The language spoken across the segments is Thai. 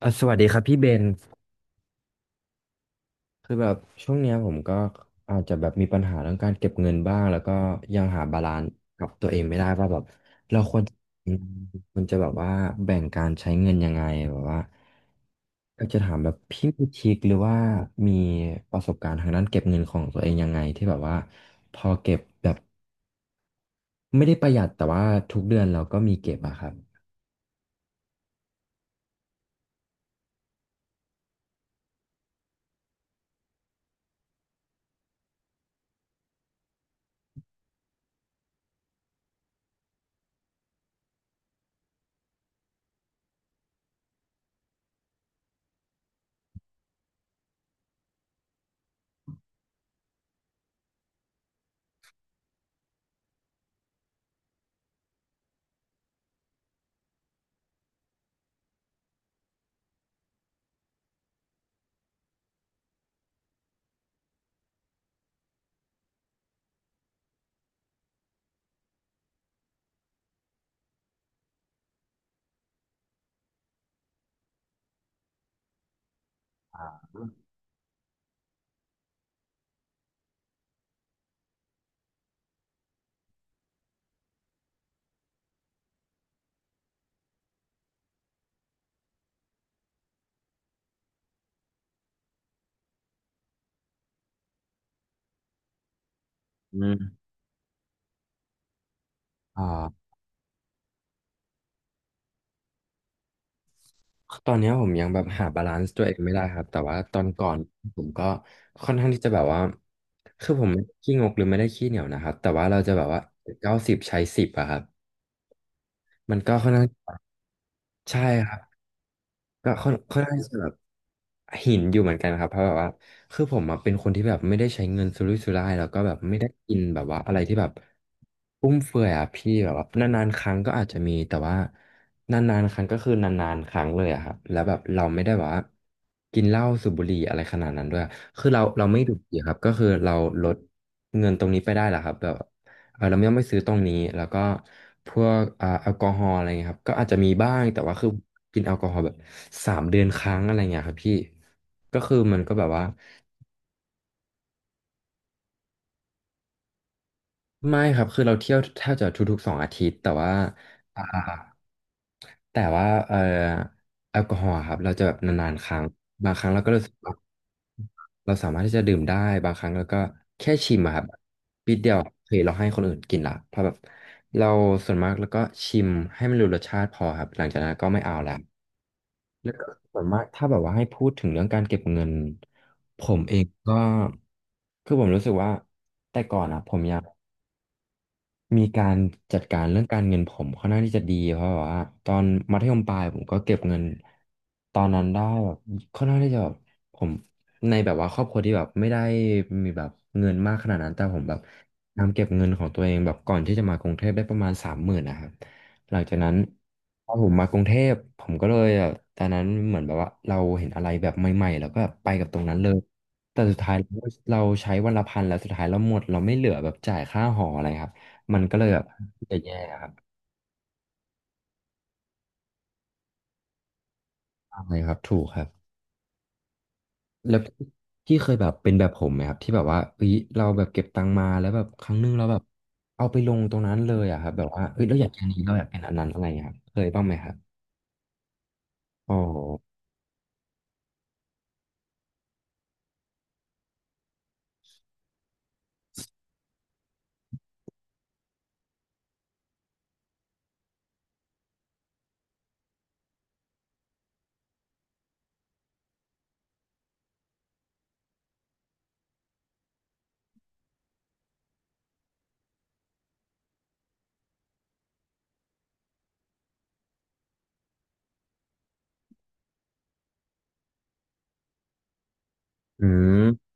เอ่ะสวัสดีครับพี่เบนคือแบบช่วงเนี้ยผมก็อาจจะแบบมีปัญหาเรื่องการเก็บเงินบ้างแล้วก็ยังหาบาลานซ์กับตัวเองไม่ได้ว่าแบบเราควรอืมควรจะแบบว่าแบ่งการใช้เงินยังไงแบบว่าอยากจะถามแบบพี่มีทริคหรือว่ามีประสบการณ์ทางด้านเก็บเงินของตัวเองยังไงที่แบบว่าพอเก็บแบบไม่ได้ประหยัดแต่ว่าทุกเดือนเราก็มีเก็บอะครับอืมอ่า ตอนเนี้ยผมยังแบบหาบาลานซ์ตัวเองไม่ได้ครับแต่ว่าตอนก่อนผมก็ค่อนข้างที่จะแบบว่าคือผมไม่ได้ขี้งกหรือไม่ได้ขี้เหนียวนะครับแต่ว่าเราจะแบบว่า90ใช้สิบอะครับมันก็ค่อนข้างใช่ครับ ก็ค่อนข้างจะแบบหินอยู่เหมือนกันครับเพราะแบบว่าคือผมอะเป็นคนที่แบบไม่ได้ใช้เงินสุรุ่ยสุร่ายแล้วก็แบบไม่ได้กินแบบว่าอะไรที่แบบฟุ่มเฟือยอะพี่แบบว่านานๆครั้งก็อาจจะมีแต่ว่านานๆครั้งก็คือนานๆครั้งเลยอะครับแล้วแบบเราไม่ได้แบบว่ากินเหล้าสูบบุหรี่อะไรขนาดนั้นด้วยคือเราไม่ดื่มเบียร์ครับก็คือเราลดเงินตรงนี้ไปได้แหละครับแบบ เออเราไม่ต้องไปซื้อตรงนี้ แล้วก็พวกแอลกอฮอล์อะไรเงี้ยครับ ก็อาจจะมีบ้าง แต่ว่าคือกินแอลกอฮอล์แบบ3 เดือนครั้งอะไรเงี้ยครับพี่ ก็คือมันก็แบบว่าไม่ครับคือเราเที่ยวแทบจะทุกๆ2 อาทิตย์แต่ว่าอ่า แต่ว่าแอลกอฮอล์อะครับเราจะแบบนานๆครั้งบางครั้งเราก็รู้สึกว่าเราสามารถที่จะดื่มได้บางครั้งเราก็แค่ชิมอะครับปิดเดียวโอเคเราให้คนอื่นกินละเพราะแบบเราส่วนมากแล้วก็ชิมให้มันรู้รสชาติพอครับหลังจากนั้นก็ไม่เอาละแล้วก็ส่วนมากถ้าแบบว่าให้พูดถึงเรื่องการเก็บเงินผมเองก็คือผมรู้สึกว่าแต่ก่อนอะผมอยาก มีการจัดการเรื่องการเงินผมค่อนข้างที่จะดีเพราะแบบว่าตอนมัธยมปลายผมก็เก็บเงินตอนนั้นได้แบบค่อนข้างที่จะแบบผมในแบบว่าครอบครัวที่แบบไม่ได้มีแบบเงินมากขนาดนั้นแต่ผมแบบนำเก็บเงินของตัวเองแบบก่อนที่จะมากรุงเทพได้ประมาณ30,000นะครับหลังจากนั้นพอผมมากรุงเทพผมก็เลยแบบตอนนั้นเหมือนแบบว่าเราเห็นอะไรแบบใหม่ๆแล้วก็แบบไปกับตรงนั้นเลยแต่สุดท้ายเราใช้วันละ 1,000แล้วสุดท้ายเราหมดเราไม่เหลือแบบจ่ายค่าหออะไรครับ มันก็เลยแบบจะแย่ครับใช่ครับถูกครับแล้วพี่เคยแบบเป็นแบบผมไหมครับที่แบบว่าเอ้ยเราแบบเก็บตังค์มาแล้วแบบครั้งหนึงเราแบบเอาไปลงตรงนั้นเลยอะครับแบบว่าเอ้ยเราอยากเป็นอันนี้เราอยากเป็นอันนั้นอะไรอย่างเงี้ยครับเคยบ้างไหมครับโอ้โหอืม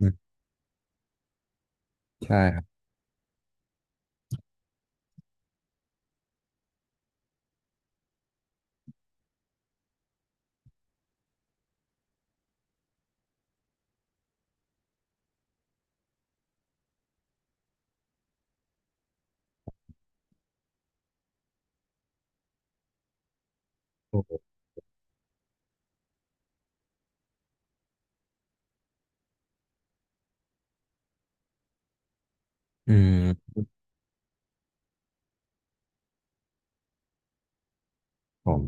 อใช่ครับโอ้โหอืมผม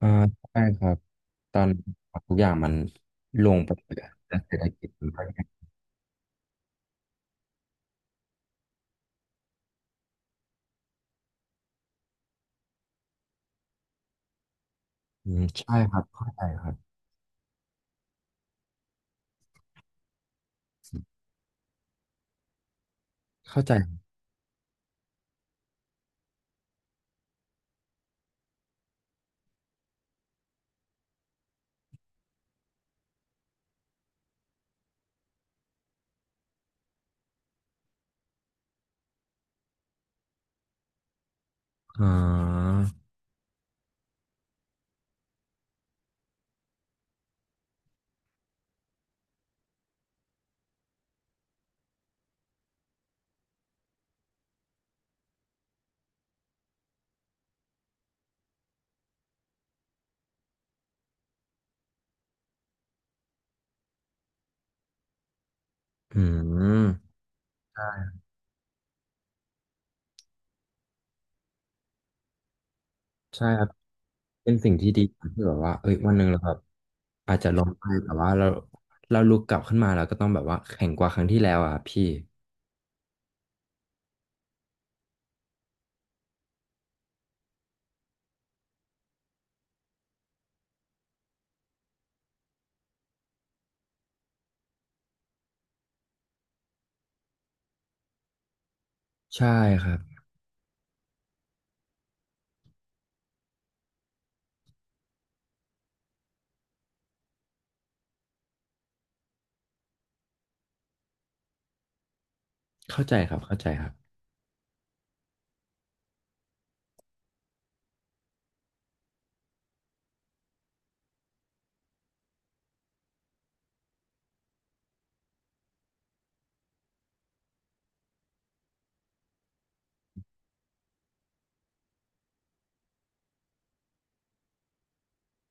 อ่าใช่ครับตอนทุกอย่างมันลงไปเลยอะแล้วเศรษฐกิจมันก็แย่อืมใช่ครับเข้าใจครับเข้าใจอ่าอืมใช่ใช่ครับ เป็นสิ่งที่ดีที่แบบว่าเอ้ยวันหนึ่งเราแบบอาจจะล้มไปแต่ว่าเราลุกกลับขึ้นมาเราก็ต้องแบบว่าแข็งกว่าครั้งที่แล้วอ่ะพี่ใช่ครับเข้าใจครับเข้าใจครับ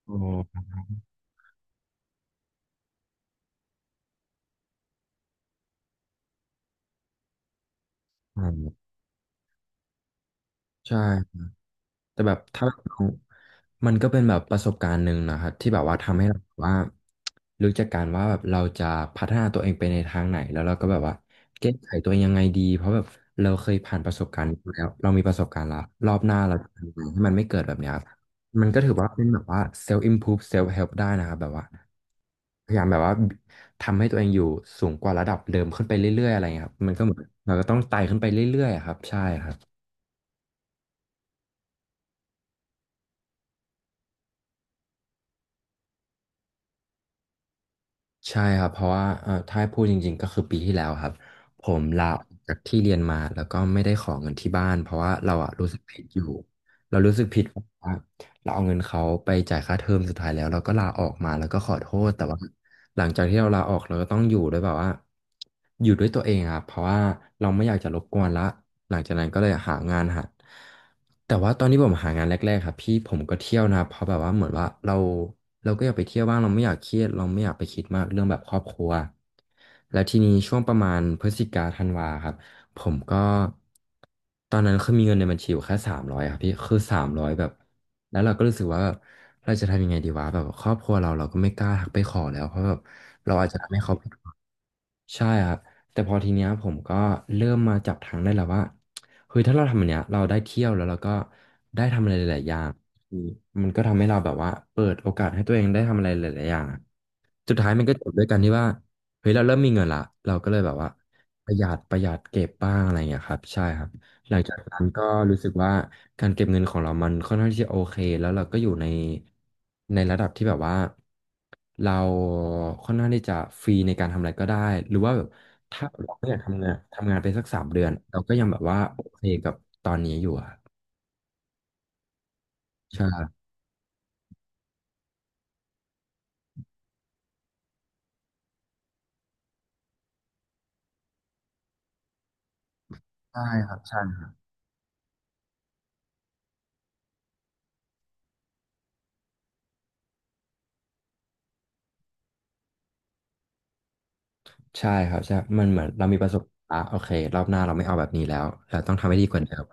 โอ๋อคใช่ แต่แบบถ้าของมันก็เป็นแบบประสบการณ์หนึ่งนะครับที่แบบว่าทำให้เราแบบว่ารู้จักการว่าแบบเราจะพัฒนาตัวเองไปในทางไหนแล้วเราก็แบบว่าแก้ไขตัวเองยังไงดีเพราะแบบเราเคยผ่านประสบการณ์นี้มาแล้วเรามีประสบการณ์ละรอบหน้าเราจะทำยังไงให้มันไม่เกิดแบบเนี้ยครับมันก็ถือว่าเป็นแบบว่า self improve self help ได้นะครับแบบว่าพยายามแบบว่าทำให้ตัวเองอยู่สูงกว่าระดับเดิมขึ้นไปเรื่อยๆอะไรเงี้ยครับมันก็เหมือนเราก็ต้องไต่ขึ้นไปเรื่อยๆอะครับใช่ครับ ใช่ครับเพราะว่าถ้าให้พูดจริงๆก็คือปีที่แล้วครับผมลาออกจากที่เรียนมาแล้วก็ไม่ได้ขอเงินที่บ้านเพราะว่าเราอะรู้สึกผิดอยู่เรารู้สึกผิดเพราะว่าเราเอาเงินเขาไปจ่ายค่าเทอมสุดท้ายแล้วเราก็ลาออกมาแล้วก็ขอโทษแต่ว่า หลังจากที่เราลาออกเราก็ต้องอยู่ด้วยแบบว่าอยู่ด้วยตัวเองอะครับเพราะว่าเราไม่อยากจะรบกวนละหลังจากนั้นก็เลยหางานหัดแต่ว่าตอนที่ผมหางานแรกๆครับพี่ผมก็เที่ยวนะเพราะแบบว่าเหมือนว่าเราก็อยากไปเที่ยวบ้างเราไม่อยากเครียดเราไม่อยากไปคิดมากเรื่องแบบครอบครัวแล้วทีนี้ช่วงประมาณพฤศจิกาธันวาครับผมก็ตอนนั้นคือมีเงินในบัญชีอยู่แค่สามร้อยครับพี่คือสามร้อยแบบ แล้วเราก็รู้สึกว่าแบบเราจะทำยังไงดีวะแบบครอบครัวเราก็ไม่กล้าทักไปขอแล้วเพราะแบบเราอาจจะทำให้เขาผิดหวังใช่ครับแต่พอทีเนี้ยผมก็เริ่มมาจับทางได้แล้วว่าเฮ้ยถ้าเราทำอันเนี้ยเราได้เที่ยวแล้วเราก็ได้ทำอะไรหลายๆอย่างคือมันก็ทำให้เราแบบว่าเปิดโอกาสให้ตัวเองได้ทำอะไรหลายๆอย่างอะสุดท้ายมันก็จบด้วยกันที่ว่าเฮ้ยเราเริ่มมีเงินละเราก็เลยแบบว่าประหยัดประหยัดเก็บบ้างอะไรอย่างเงี้ยครับใช่ครับ หลังจากนั้นก็รู้สึกว่าการเก็บเงินของเรามันค่อนข้างที่จะโอเคแล้วเราก็อยู่ในระดับที่แบบว่าเราค่อนข้างที่จะฟรีในการทำอะไรก็ได้หรือว่าแบบถ้าเราไม่อยากทำงานไปสัก3 เดือนเราก็ยังแบบว่าโอเคกับตอนนี้อยู่อะใช่ใช่ครับใช่ครับใช่ครับใช่มันเหมือนเรามีประสบการณ์ละโอเครอบหน้าเราไม่เอาแบบนี้แล้วเราต้องทำให้ดีกว่าเดิม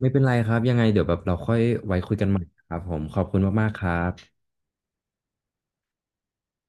ไม่เป็นไรครับยังไงเดี๋ยวแบบเราค่อยไว้คุยกันใหม่ครับผมขอบคุณมากๆครับ